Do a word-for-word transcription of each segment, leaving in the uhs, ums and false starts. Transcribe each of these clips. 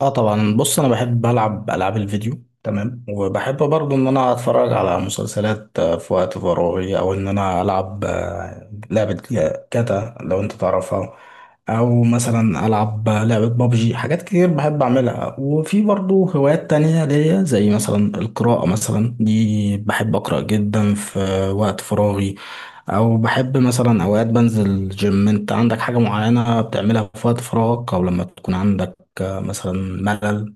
اه طبعا، بص انا بحب العب العاب الفيديو، تمام. وبحب برضو ان انا اتفرج على مسلسلات آه، في وقت فراغي، او ان انا العب آه، لعبة آه، كاتا لو انت تعرفها، او مثلا العب آه، لعبة بابجي. حاجات كتير بحب اعملها، وفي برضو هوايات تانية ليا زي مثلا القراءة، مثلا دي بحب اقرأ جدا في وقت فراغي، او بحب مثلا اوقات بنزل جيم. انت عندك حاجة معينة بتعملها في وقت فراغك، او لما تكون عندك كمثلا ملل؟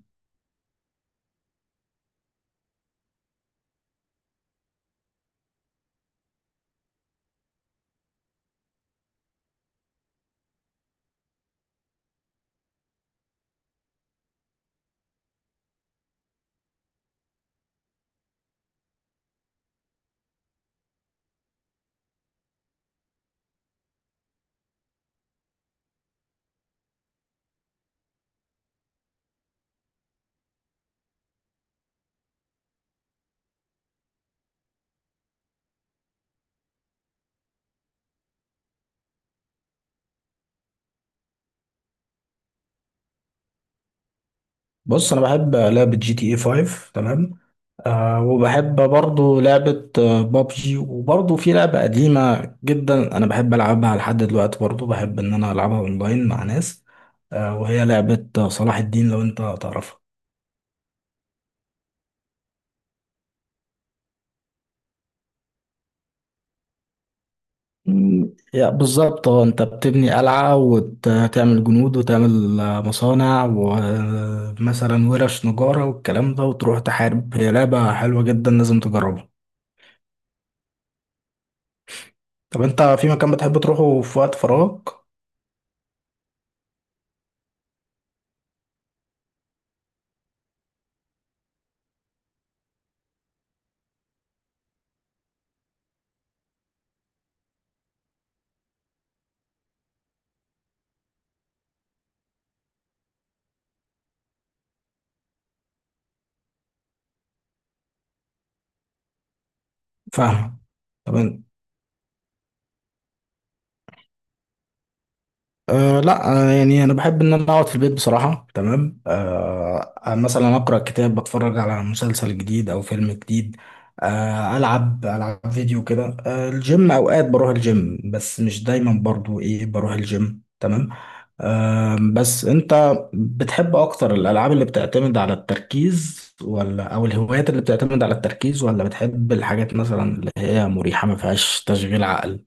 بص انا بحب لعبة جي تي اي فايف، تمام. أه وبحب برضو لعبة آه، بابجي، وبرضو في لعبة قديمة جدا انا بحب العبها لحد دلوقتي، برضو بحب ان انا العبها اونلاين مع ناس، أه وهي لعبة آه، صلاح الدين لو انت تعرفها. مم، يا بالظبط. اه، انت بتبني قلعة وتعمل جنود وتعمل آه، مصانع، ومثلا ورش نجارة والكلام ده، وتروح تحارب. هي لعبة حلوة جدا، لازم تجربها. طب انت في مكان بتحب تروحه في وقت فراغك؟ فاهم. طب ان- أه لا آه، يعني انا بحب ان انا اقعد في البيت بصراحه، تمام. أه آه، مثلا اقرا كتاب، بتفرج على مسلسل جديد او فيلم جديد، أه العب العب فيديو كده. أه الجيم اوقات بروح الجيم، بس مش دايما، برضو ايه، بروح الجيم، تمام. أه بس انت بتحب اكتر الالعاب اللي بتعتمد على التركيز، ولا او الهوايات اللي بتعتمد على التركيز، ولا بتحب الحاجات مثلا اللي هي مريحه ما فيهاش تشغيل عقل؟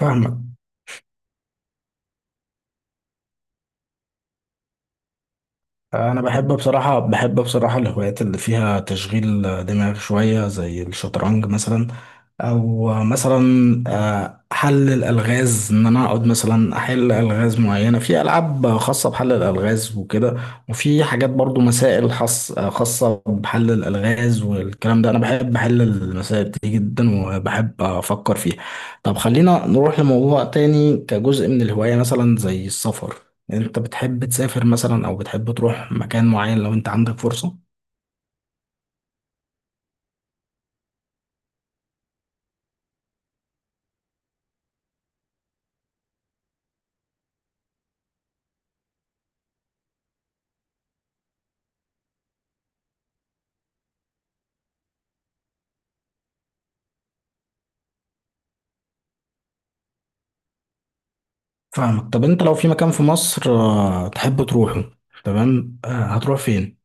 فاهمك. انا بحب بصراحه، بحب بصراحه الهوايات اللي فيها تشغيل دماغ شويه زي الشطرنج مثلا، او مثلا آه، حل الالغاز، ان انا اقعد مثلا احل الغاز معينه في العاب خاصه بحل الالغاز وكده، وفي حاجات برضو مسائل خاص- خاصه بحل الالغاز والكلام ده. انا بحب احل المسائل دي جدا، وبحب افكر فيها. طب خلينا نروح لموضوع تاني كجزء من الهوايه، مثلا زي السفر، انت بتحب تسافر مثلا او بتحب تروح مكان معين لو انت عندك فرصة؟ فاهمك. طب انت لو في مكان في مصر آه، تحب تروحه، تمام، آه، هتروح فين؟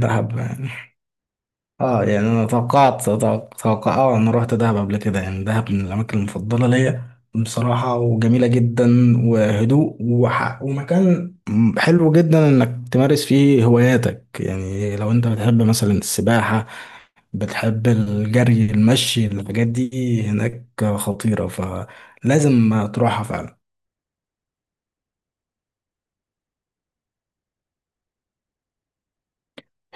دهب يعني. اه، يعني انا توقعت توقع توقع- اه انا رحت دهب قبل كده، يعني دهب من الاماكن المفضلة ليا بصراحة، وجميلة جدا، وهدوء، وح... ومكان حلو جدا انك تمارس فيه هواياتك، يعني لو انت بتحب مثلا السباحة، بتحب الجري، المشي، الحاجات دي، هناك خطيرة، فلازم تروحها فعلا.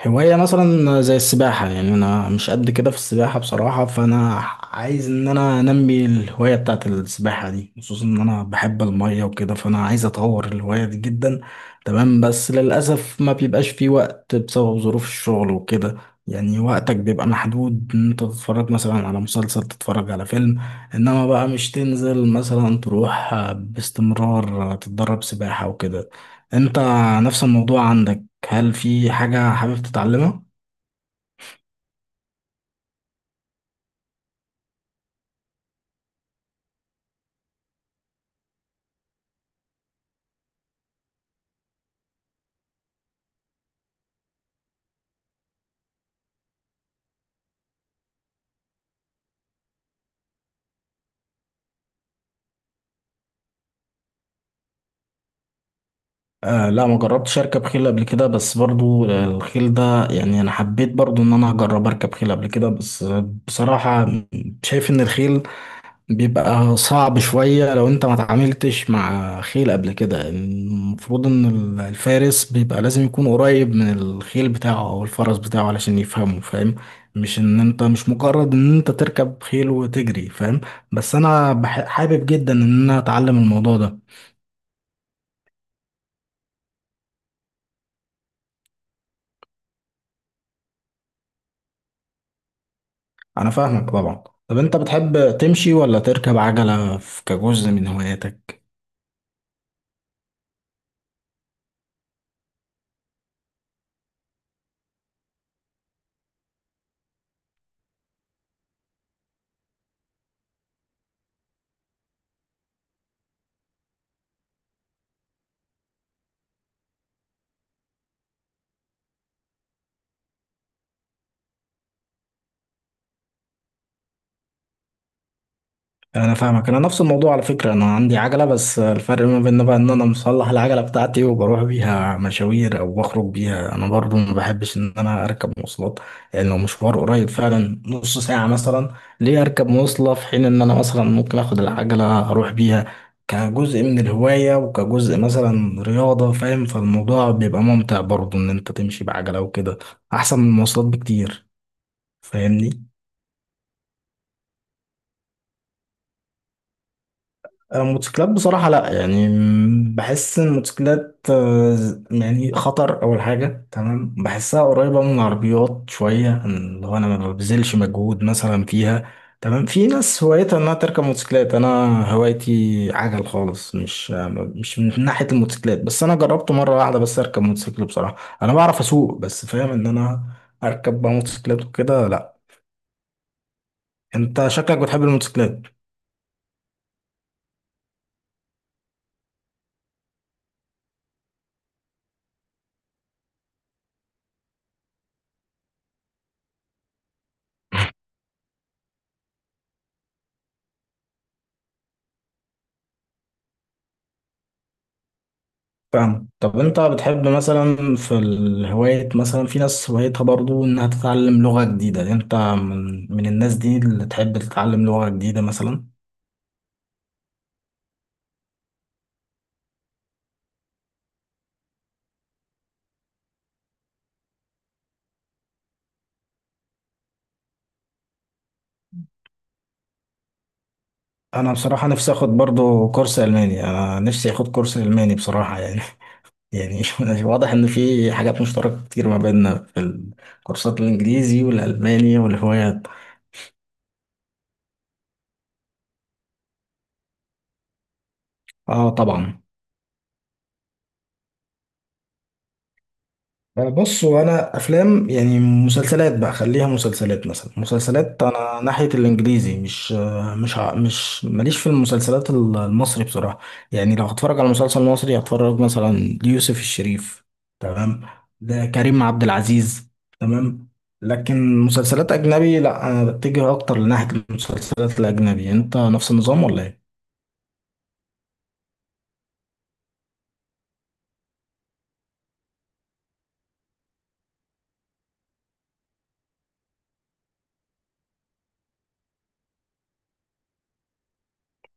هواية مثلا زي السباحة، يعني أنا مش قد كده في السباحة بصراحة، فأنا عايز إن أنا أنمي الهواية بتاعت السباحة دي، خصوصا إن أنا بحب المية وكده، فأنا عايز أطور الهواية دي جدا، تمام. بس للأسف ما بيبقاش في وقت بسبب ظروف الشغل وكده، يعني وقتك بيبقى محدود إن أنت تتفرج مثلا على مسلسل، تتفرج على فيلم، إنما بقى مش تنزل مثلا تروح باستمرار تتدرب سباحة وكده. أنت نفس الموضوع عندك، هل في حاجة حابب تتعلمها؟ آه، لا، ما جربتش اركب خيل قبل كده. بس برضو الخيل ده، يعني انا حبيت برضو ان انا اجرب اركب خيل قبل كده، بس بصراحة شايف ان الخيل بيبقى صعب شوية، لو انت ما تعاملتش مع خيل قبل كده. المفروض ان ال- الفارس بيبقى لازم يكون قريب من الخيل بتاعه او الفرس بتاعه علشان يفهمه، فاهم، مش ان انت مش مجرد ان انت تركب خيل وتجري، فاهم. بس انا بح- حابب جدا ان انا اتعلم الموضوع ده. انا فاهمك طبعا. طب انت بتحب تمشي ولا تركب عجلة في- كجزء من هواياتك؟ انا فاهمك، انا نفس الموضوع، على فكره انا عندي عجله، بس الفرق ما بيننا بقى ان انا مصلح العجله بتاعتي، وبروح بيها مشاوير او بخرج بيها. انا برضو ما بحبش ان انا اركب مواصلات، يعني لو مشوار قريب فعلا نص ساعه مثلا، ليه اركب مواصله في حين ان انا مثلا ممكن اخد العجله اروح بيها كجزء من الهوايه، وكجزء مثلا رياضه، فاهم، فالموضوع بيبقى ممتع برضو ان انت تمشي بعجله وكده، احسن من المواصلات بكتير. فاهمني. آه، موتوسيكلات بصراحة لا، يعني م- بحس إن الموتوسيكلات آه، ز- يعني خطر أول حاجة، تمام، بحسها قريبة من العربيات شوية، اللي هو أنا ما ببذلش مجهود مثلا فيها، تمام. في ناس هوايتها إنها تركب موتوسيكلات، أنا هوايتي عجل خالص، مش آه، م- مش من ناحية الموتوسيكلات، بس أنا جربت مرة واحدة بس أركب موتوسيكل بصراحة. أنا بعرف أسوق، بس فاهم إن أنا أركب بقى موتوسيكلات وكده، لا. أنت شكلك بتحب الموتوسيكلات. فاهم. طب انت بتحب مثلا في الهواية، مثلا في ناس هوايتها برضو انها تتعلم لغة جديدة، يعني انت من من الناس دي اللي تحب تتعلم لغة جديدة مثلا؟ انا بصراحة نفسي اخد برضو كورس الماني، انا نفسي اخد كورس الماني بصراحة يعني. يعني واضح ان في حاجات مشتركة كتير ما بيننا في الكورسات الانجليزي والالماني والهوايات. اه طبعا. بص هو انا افلام، يعني مسلسلات بقى، خليها مسلسلات، مثلا مسلسلات انا ناحيه الانجليزي، مش مش ع- مش ماليش في المسلسلات ال- المصري بصراحه، يعني لو هتفرج على مسلسل مصري هتفرج مثلا ليوسف الشريف، تمام، ده كريم عبد العزيز، تمام. لكن مسلسلات اجنبي لا، انا بتجه اكتر لناحيه المسلسلات الاجنبي، انت نفس النظام ولا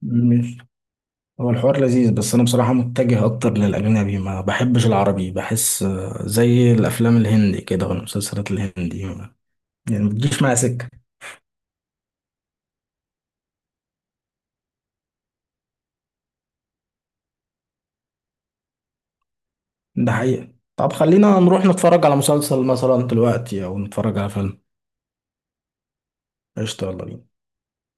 ايه؟ هو الحوار لذيذ، بس انا بصراحة متجه اكتر للاجنبي، ما بحبش العربي، بحس آه، زي الافلام الهندي كده والمسلسلات الهندي، ما- يعني ما بتجيش معايا سكة. ده حقيقة. طب خلينا نروح نتفرج على مسلسل مثلا دلوقتي او نتفرج على فيلم. قشطة يلا بينا.